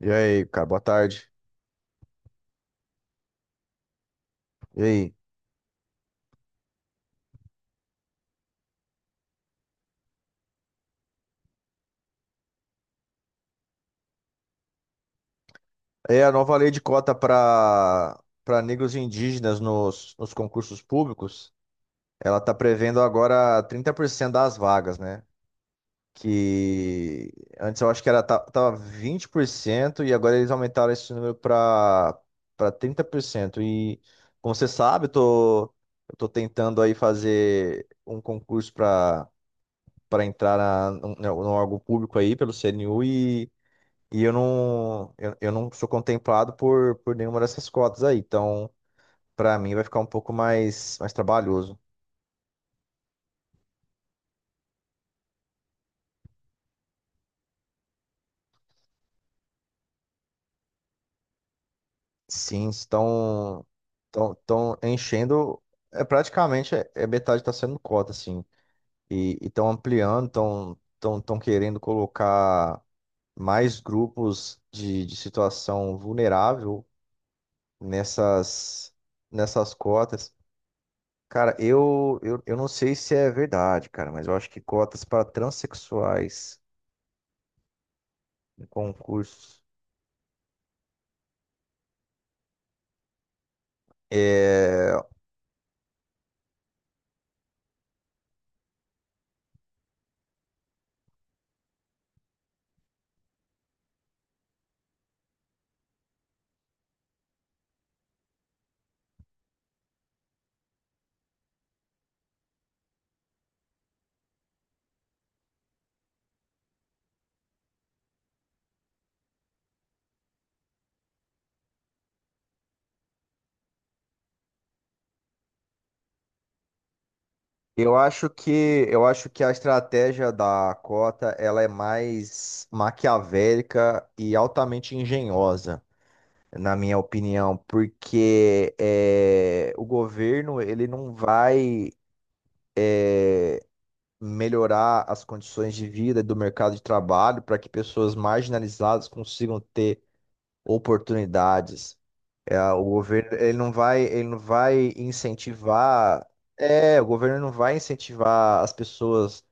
E aí, cara, boa tarde. E aí? É a nova lei de cota para negros e indígenas nos concursos públicos, ela tá prevendo agora 30% das vagas, né? Que antes eu acho que era tava 20% e agora eles aumentaram esse número para 30%. E como você sabe, eu tô tentando aí fazer um concurso para entrar num órgão público aí pelo CNU. Eu não sou contemplado por nenhuma dessas cotas aí. Então, para mim, vai ficar mais trabalhoso. Sim, estão enchendo. É, praticamente é, é metade está sendo cota, assim. E estão ampliando, estão querendo colocar mais grupos de situação vulnerável nessas, nessas cotas. Cara, eu não sei se é verdade, cara, mas eu acho que cotas para transexuais em concursos. É, eu acho que a estratégia da cota ela é mais maquiavélica e altamente engenhosa, na minha opinião, porque o governo ele não vai melhorar as condições de vida do mercado de trabalho para que pessoas marginalizadas consigam ter oportunidades. É, o governo ele não vai incentivar. É, o governo não vai incentivar as pessoas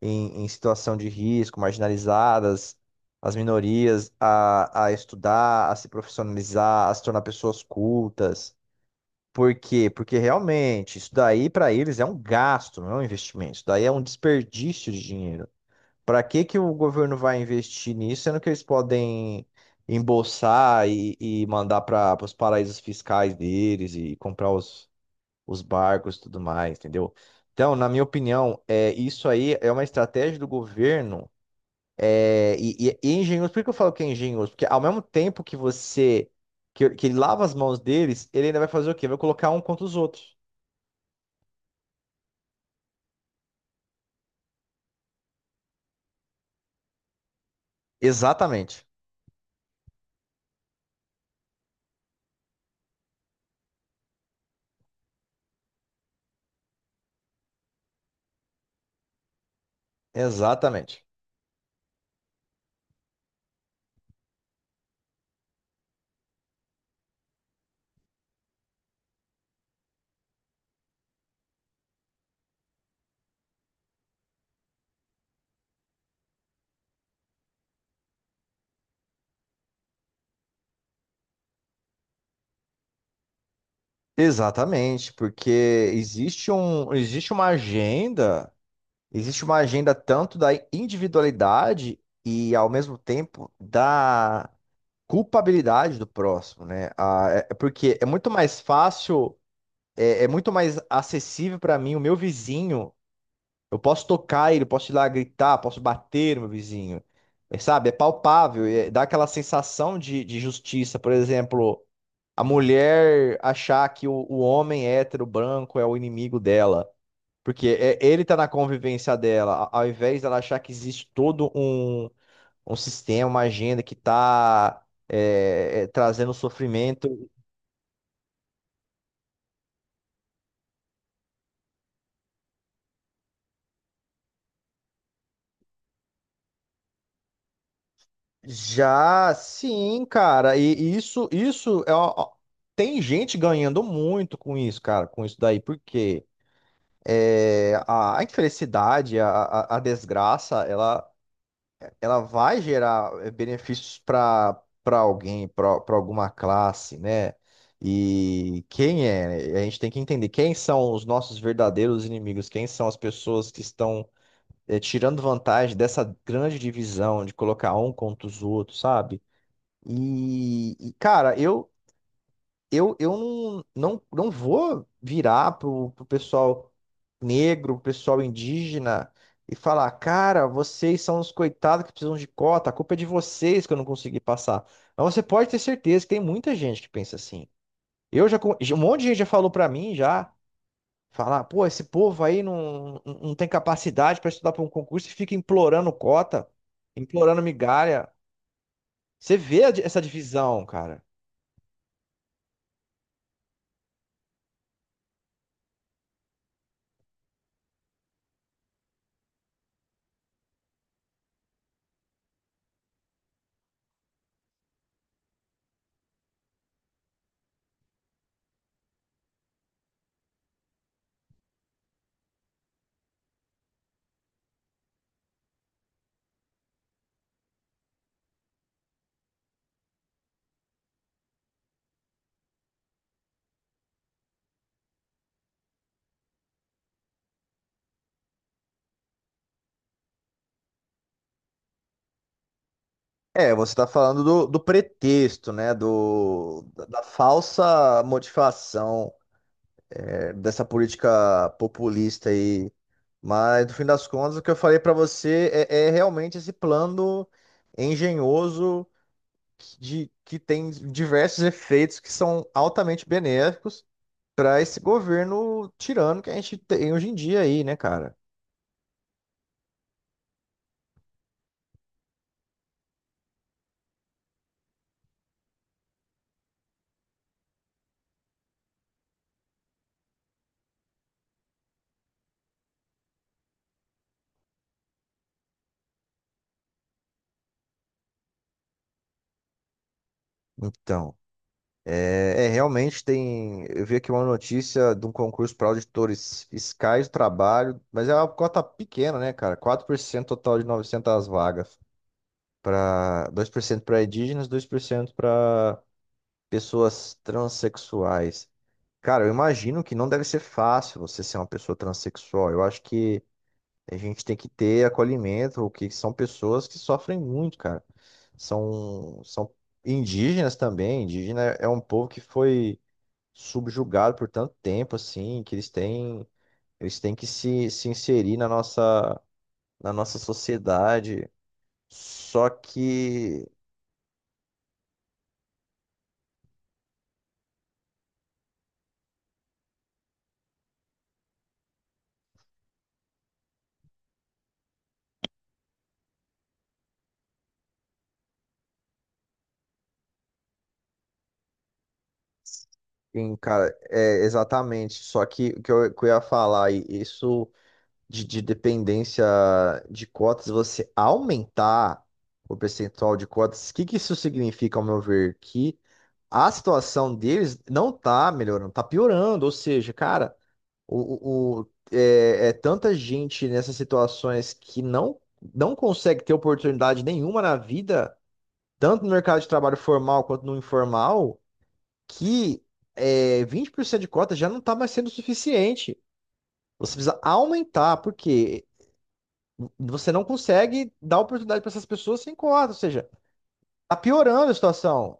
em situação de risco, marginalizadas, as minorias, a estudar, a se profissionalizar, a se tornar pessoas cultas. Por quê? Porque realmente isso daí para eles é um gasto, não é um investimento. Isso daí é um desperdício de dinheiro. Para que que o governo vai investir nisso, sendo que eles podem embolsar e mandar para os paraísos fiscais deles e comprar os barcos e tudo mais, entendeu? Então, na minha opinião, isso aí é uma estratégia do governo e é engenhoso. Por que eu falo que é engenhoso? Porque ao mesmo tempo que que ele lava as mãos deles, ele ainda vai fazer o quê? Vai colocar um contra os outros. Exatamente. Exatamente. Exatamente, porque existe um, existe uma agenda, existe uma agenda tanto da individualidade e ao mesmo tempo da culpabilidade do próximo, né? Ah, é porque é muito mais fácil, é muito mais acessível para mim o meu vizinho. Eu posso tocar ele, posso ir lá gritar, posso bater no meu vizinho. É, sabe? É palpável, dá aquela sensação de justiça, por exemplo a mulher achar que o homem hétero branco é o inimigo dela. Porque ele tá na convivência dela, ao invés dela achar que existe um sistema, uma agenda que tá trazendo sofrimento. Já sim, cara, e isso é. Tem gente ganhando muito com isso, cara, com isso daí, porque a infelicidade, a desgraça, ela ela vai gerar benefícios para alguém, para alguma classe, né? E quem é? Né? A gente tem que entender quem são os nossos verdadeiros inimigos, quem são as pessoas que estão tirando vantagem dessa grande divisão de colocar um contra os outros, sabe? Cara, eu não não, vou virar pro pessoal negro, pro pessoal indígena e falar, cara, vocês são os coitados que precisam de cota, a culpa é de vocês que eu não consegui passar. Mas você pode ter certeza que tem muita gente que pensa assim. Um monte de gente já falou pra mim já, falar, pô, esse povo aí não tem capacidade pra estudar pra um concurso e fica implorando cota, implorando migalha. Você vê essa divisão, cara. É, você está falando do pretexto, né? Da falsa motivação, dessa política populista aí. Mas, no fim das contas, o que eu falei para você é realmente esse plano engenhoso que tem diversos efeitos que são altamente benéficos para esse governo tirano que a gente tem hoje em dia aí, né, cara? Então. Realmente tem. Eu vi aqui uma notícia de um concurso para auditores fiscais do trabalho, mas é uma cota pequena, né, cara? 4% total de 900 vagas. Para 2% para indígenas, 2% para pessoas transexuais. Cara, eu imagino que não deve ser fácil você ser uma pessoa transexual. Eu acho que a gente tem que ter acolhimento, porque são pessoas que sofrem muito, cara. São indígenas também. Indígena é um povo que foi subjugado por tanto tempo, assim, que eles têm que se inserir na na nossa sociedade. Só que, cara, é exatamente. Só que que eu ia falar, e isso de dependência de cotas, você aumentar o percentual de cotas, que isso significa, ao meu ver? Que a situação deles não tá melhorando, tá piorando. Ou seja, cara. É tanta gente nessas situações que não consegue ter oportunidade nenhuma na vida, tanto no mercado de trabalho formal quanto no informal, que 20% de cota já não está mais sendo suficiente. Você precisa aumentar, porque você não consegue dar oportunidade para essas pessoas sem cota, ou seja, tá piorando a situação,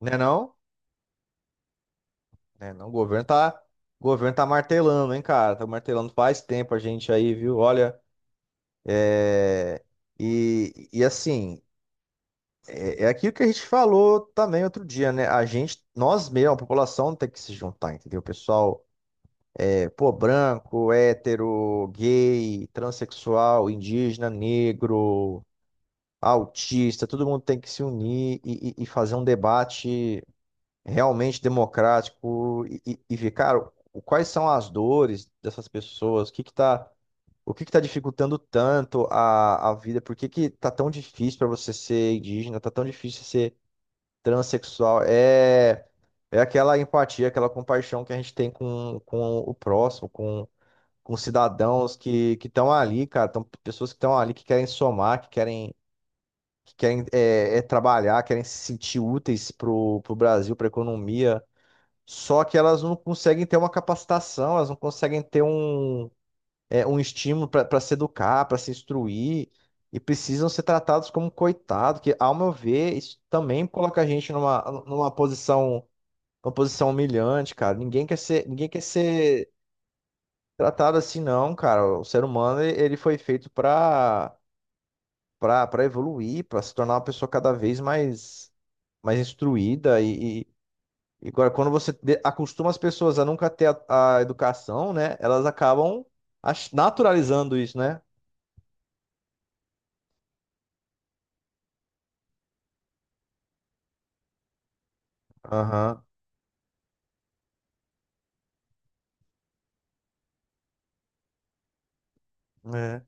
né não? Né não, o governo tá martelando, hein, cara? Tá martelando faz tempo a gente aí, viu? Olha. É, e assim, é aquilo que a gente falou também outro dia, né? Nós mesmos, a população tem que se juntar, entendeu? O pessoal pô, branco, hétero, gay, transexual, indígena, negro, autista, todo mundo tem que se unir e fazer um debate realmente democrático e ver, cara, quais são as dores dessas pessoas, o que está dificultando tanto a vida? Por que que tá tão difícil para você ser indígena? Tá tão difícil ser transexual? É aquela empatia, aquela compaixão que a gente tem com o próximo, com cidadãos que estão ali, cara. Tão, pessoas que estão ali que querem somar, que querem trabalhar, querem se sentir úteis pro Brasil, pra economia. Só que elas não conseguem ter uma capacitação, elas não conseguem ter um estímulo para se educar, para se instruir, e precisam ser tratados como coitado, que, ao meu ver, isso também coloca a gente numa posição, uma posição humilhante, cara. Ninguém quer ser tratado assim, não, cara. O ser humano, ele foi feito para evoluir, para se tornar uma pessoa mais instruída e agora, quando você acostuma as pessoas a nunca ter a educação, né? Elas acabam naturalizando isso, né? Aham. É.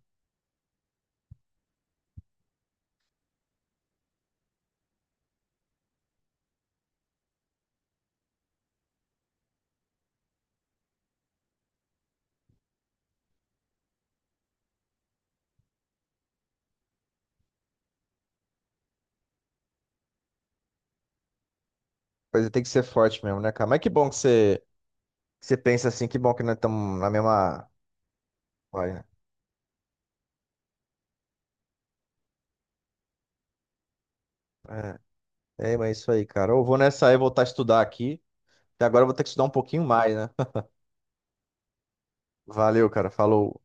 Coisa tem que ser forte mesmo, né, cara? Mas que bom que você pensa assim, que bom que nós estamos na mesma página. É. É, mas é isso aí, cara. Eu vou nessa aí voltar a estudar aqui. E agora eu vou ter que estudar um pouquinho mais, né? Valeu, cara. Falou.